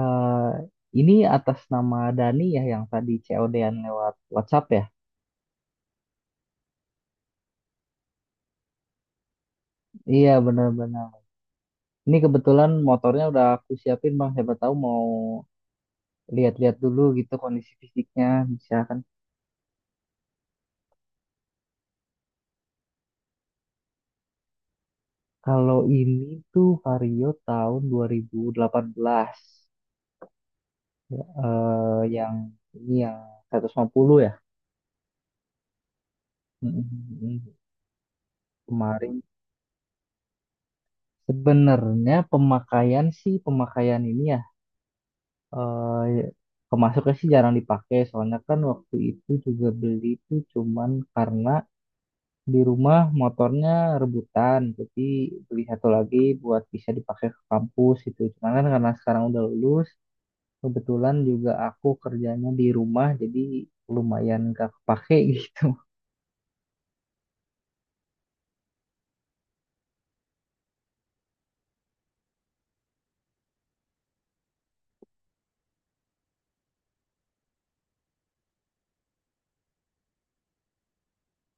Eh, ini atas nama Dani ya yang tadi COD-an lewat WhatsApp ya? Iya benar-benar. Ini kebetulan motornya udah aku siapin Bang. Siapa tahu mau lihat-lihat dulu gitu kondisi fisiknya, bisa kan. Kalau ini tuh Vario tahun 2018. Eh, yang ini yang 150 ya. Mm, mm, mm. Kemarin sebenarnya pemakaian sih, pemakaian ini eh kemasuknya sih jarang dipakai, soalnya kan waktu itu juga beli itu cuman karena di rumah motornya rebutan, jadi beli satu lagi buat bisa dipakai ke kampus itu. Cuman kan karena sekarang udah lulus, kebetulan juga aku kerjanya di rumah, jadi lumayan gak kepake gitu.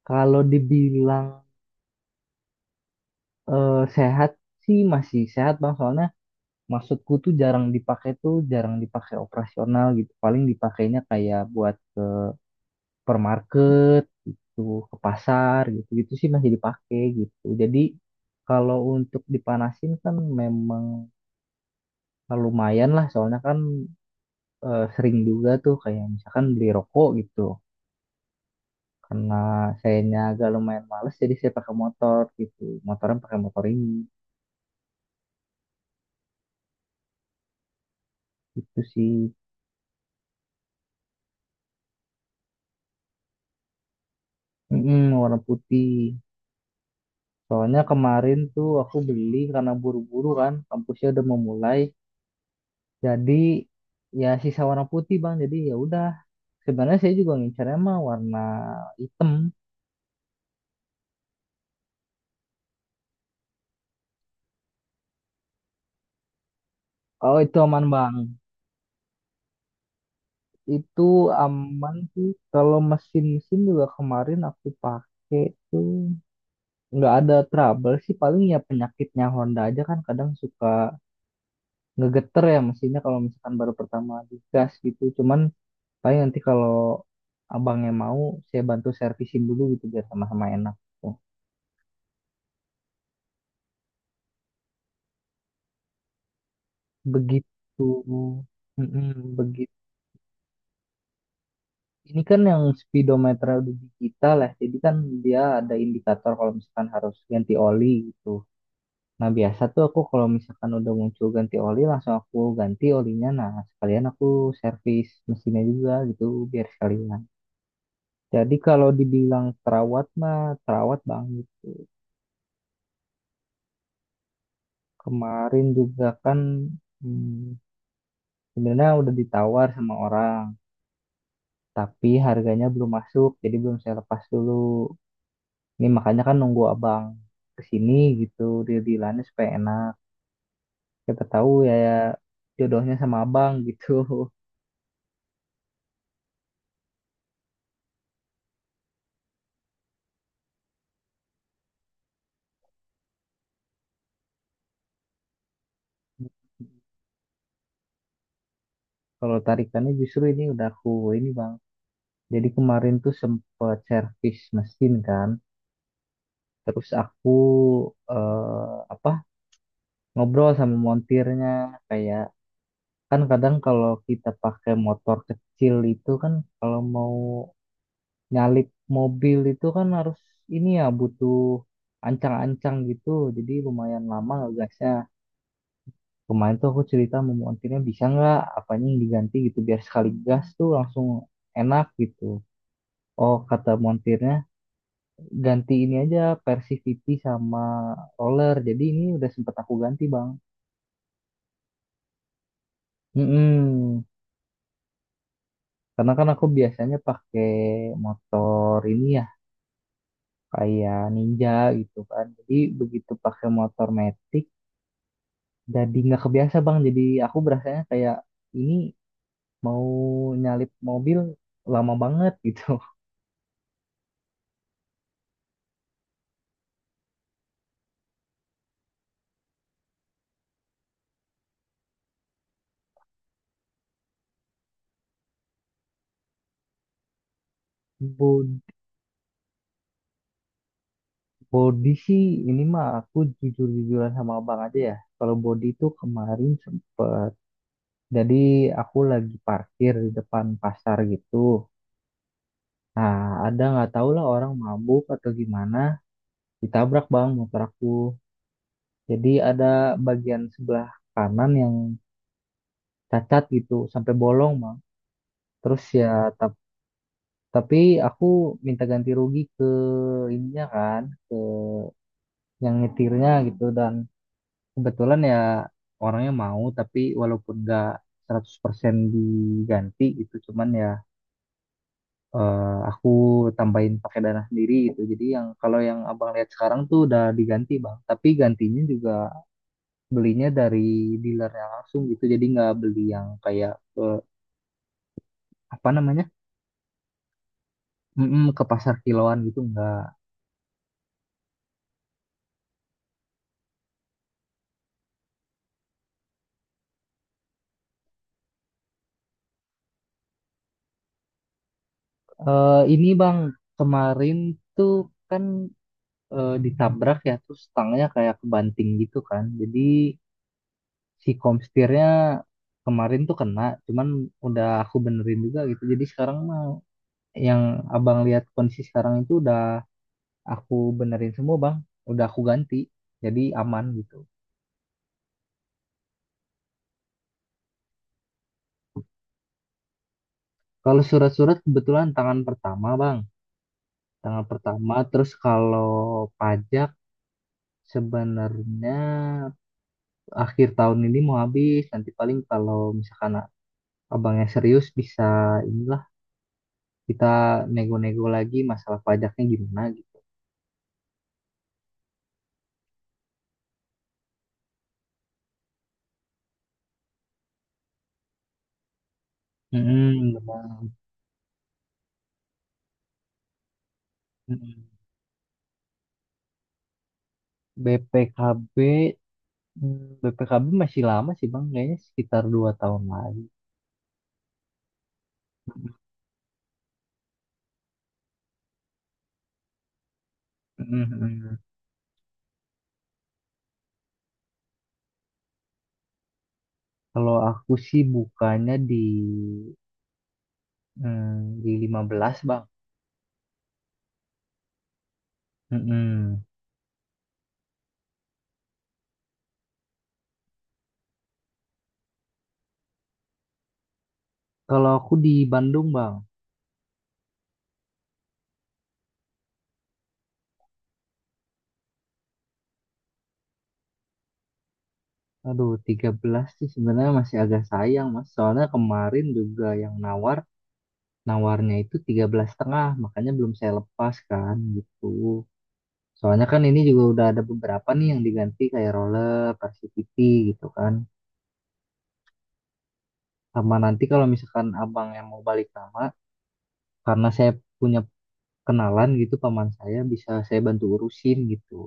Kalau dibilang sehat sih masih sehat Bang, soalnya maksudku tuh jarang dipakai, tuh jarang dipakai operasional gitu. Paling dipakainya kayak buat supermarket, tuh ke pasar gitu gitu sih, masih dipakai gitu. Jadi kalau untuk dipanasin kan memang lumayan lah, soalnya kan sering juga tuh kayak misalkan beli rokok gitu. Karena sayanya agak lumayan males, jadi saya pakai motor gitu, motornya pakai motor ini gitu sih. Mm-mm, warna putih, soalnya kemarin tuh aku beli karena buru-buru kan, kampusnya udah memulai. Jadi ya sisa warna putih Bang. Jadi ya udah. Sebenarnya saya juga ngincernya mah warna hitam. Kalau itu aman Bang. Itu aman sih. Kalau mesin-mesin juga kemarin aku pakai tuh nggak ada trouble sih. Paling ya penyakitnya Honda aja kan, kadang suka ngegeter ya mesinnya kalau misalkan baru pertama digas gitu. Cuman paling nanti kalau abangnya mau, saya bantu servisin dulu gitu biar sama-sama enak. Tuh. Begitu. Mm-mm, begitu. Ini kan yang speedometernya udah digital ya, jadi kan dia ada indikator kalau misalkan harus ganti oli gitu. Nah biasa tuh aku kalau misalkan udah muncul ganti oli, langsung aku ganti olinya. Nah sekalian aku servis mesinnya juga gitu, biar sekalian. Jadi kalau dibilang terawat mah, terawat banget. Kemarin juga kan hmm, sebenarnya udah ditawar sama orang, tapi harganya belum masuk, jadi belum saya lepas dulu. Ini makanya kan nunggu abang kesini gitu, dia bilangnya supaya enak. Kita tahu ya, ya jodohnya sama abang gitu. Kalau tarikannya justru ini udah aku ini Bang. Jadi kemarin tuh sempet servis mesin kan. Terus aku eh, apa ngobrol sama montirnya, kayak kan kadang kalau kita pakai motor kecil itu kan, kalau mau nyalip mobil itu kan harus ini ya, butuh ancang-ancang gitu, jadi lumayan lama ngegasnya. Kemarin tuh aku cerita sama montirnya, bisa nggak apanya yang diganti gitu biar sekali gas tuh langsung enak gitu. Oh, kata montirnya ganti ini aja, Persivity sama roller, jadi ini udah sempet aku ganti Bang. Mm-mm. Karena kan aku biasanya pakai motor ini ya kayak Ninja gitu kan, jadi begitu pakai motor metik jadi nggak kebiasa Bang, jadi aku berasanya kayak ini mau nyalip mobil lama banget gitu. Bod- Body sih ini mah, aku jujur-jujuran sama abang aja ya, kalau body itu kemarin sempet, jadi aku lagi parkir di depan pasar gitu, nah ada nggak tahu lah orang mabuk atau gimana, ditabrak Bang motor aku. Jadi ada bagian sebelah kanan yang cacat gitu sampai bolong Bang, terus ya. Tapi aku minta ganti rugi ke ininya kan, ke yang nyetirnya gitu. Dan kebetulan ya orangnya mau, tapi walaupun nggak 100% diganti itu, cuman ya, eh, aku tambahin pakai dana sendiri gitu. Jadi yang kalau yang abang lihat sekarang tuh udah diganti Bang, tapi gantinya juga belinya dari dealernya langsung gitu. Jadi nggak beli yang kayak ke apa namanya, mm-mm, ke pasar kiloan gitu nggak. Eh, ini Bang, kemarin tuh kan ditabrak ya, terus stangnya kayak kebanting gitu kan. Jadi si komstirnya kemarin tuh kena, cuman udah aku benerin juga gitu. Jadi sekarang mah yang Abang lihat kondisi sekarang itu udah aku benerin semua Bang, udah aku ganti. Jadi aman gitu. Kalau surat-surat kebetulan tangan pertama Bang, tangan pertama. Terus kalau pajak sebenarnya akhir tahun ini mau habis, nanti paling kalau misalkan abangnya serius bisa inilah, kita nego-nego lagi masalah pajaknya gimana gitu. Mm-mm, benar. Mm-mm. BPKB mm, BPKB masih lama sih Bang, kayaknya sekitar 2 tahun lagi. Mm-mm. Kalau aku sih bukanya di 15 Bang. Mm-mm. Kalau aku di Bandung Bang. Aduh, 13 sih sebenarnya masih agak sayang Mas. Soalnya kemarin juga yang nawar, nawarnya itu 13,5, makanya belum saya lepas kan gitu. Soalnya kan ini juga udah ada beberapa nih yang diganti kayak roller, Varsity gitu kan. Sama nanti kalau misalkan abang yang mau balik nama, karena saya punya kenalan gitu, paman saya bisa saya bantu urusin gitu.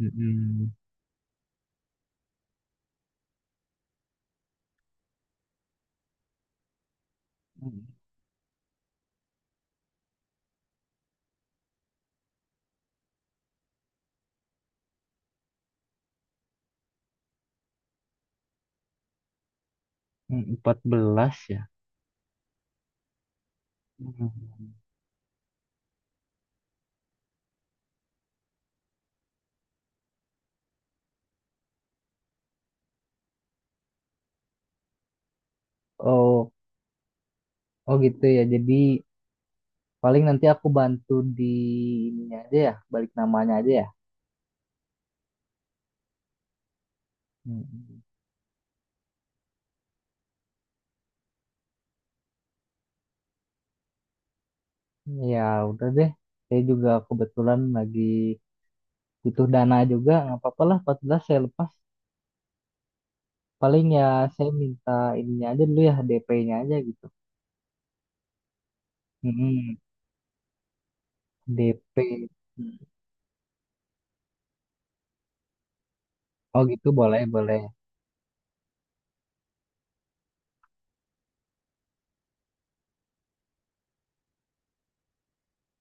Mm-mm. 14 ya. Mm. Oh, oh gitu ya. Jadi paling nanti aku bantu di ininya aja ya, balik namanya aja ya. Mm. Ya udah deh, saya juga kebetulan lagi butuh dana juga, nggak apa-apa lah, 14 saya lepas. Paling ya saya minta ininya aja dulu ya, DP-nya aja gitu. Mm-mm. DP. Oh gitu boleh, boleh.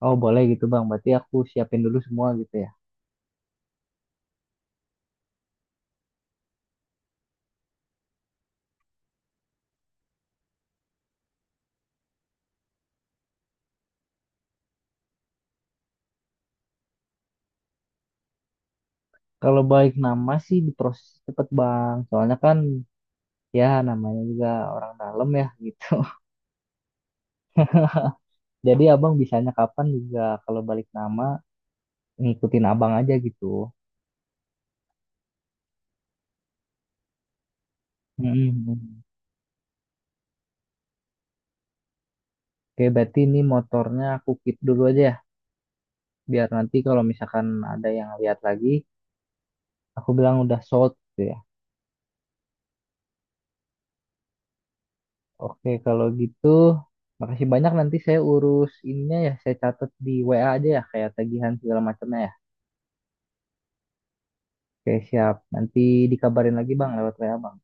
Oh boleh gitu Bang, berarti aku siapin dulu semua gitu ya. Kalau balik nama sih diproses cepet Bang, soalnya kan ya namanya juga orang dalam ya gitu. Jadi abang bisanya kapan juga kalau balik nama, ngikutin abang aja gitu. Mm-mm. Oke, berarti ini motornya aku keep dulu aja ya, biar nanti kalau misalkan ada yang lihat lagi, aku bilang udah sold gitu ya. Oke, kalau gitu, makasih banyak, nanti saya urus ininya ya, saya catat di WA aja ya, kayak tagihan segala macamnya ya. Oke, siap. Nanti dikabarin lagi Bang lewat WA Bang.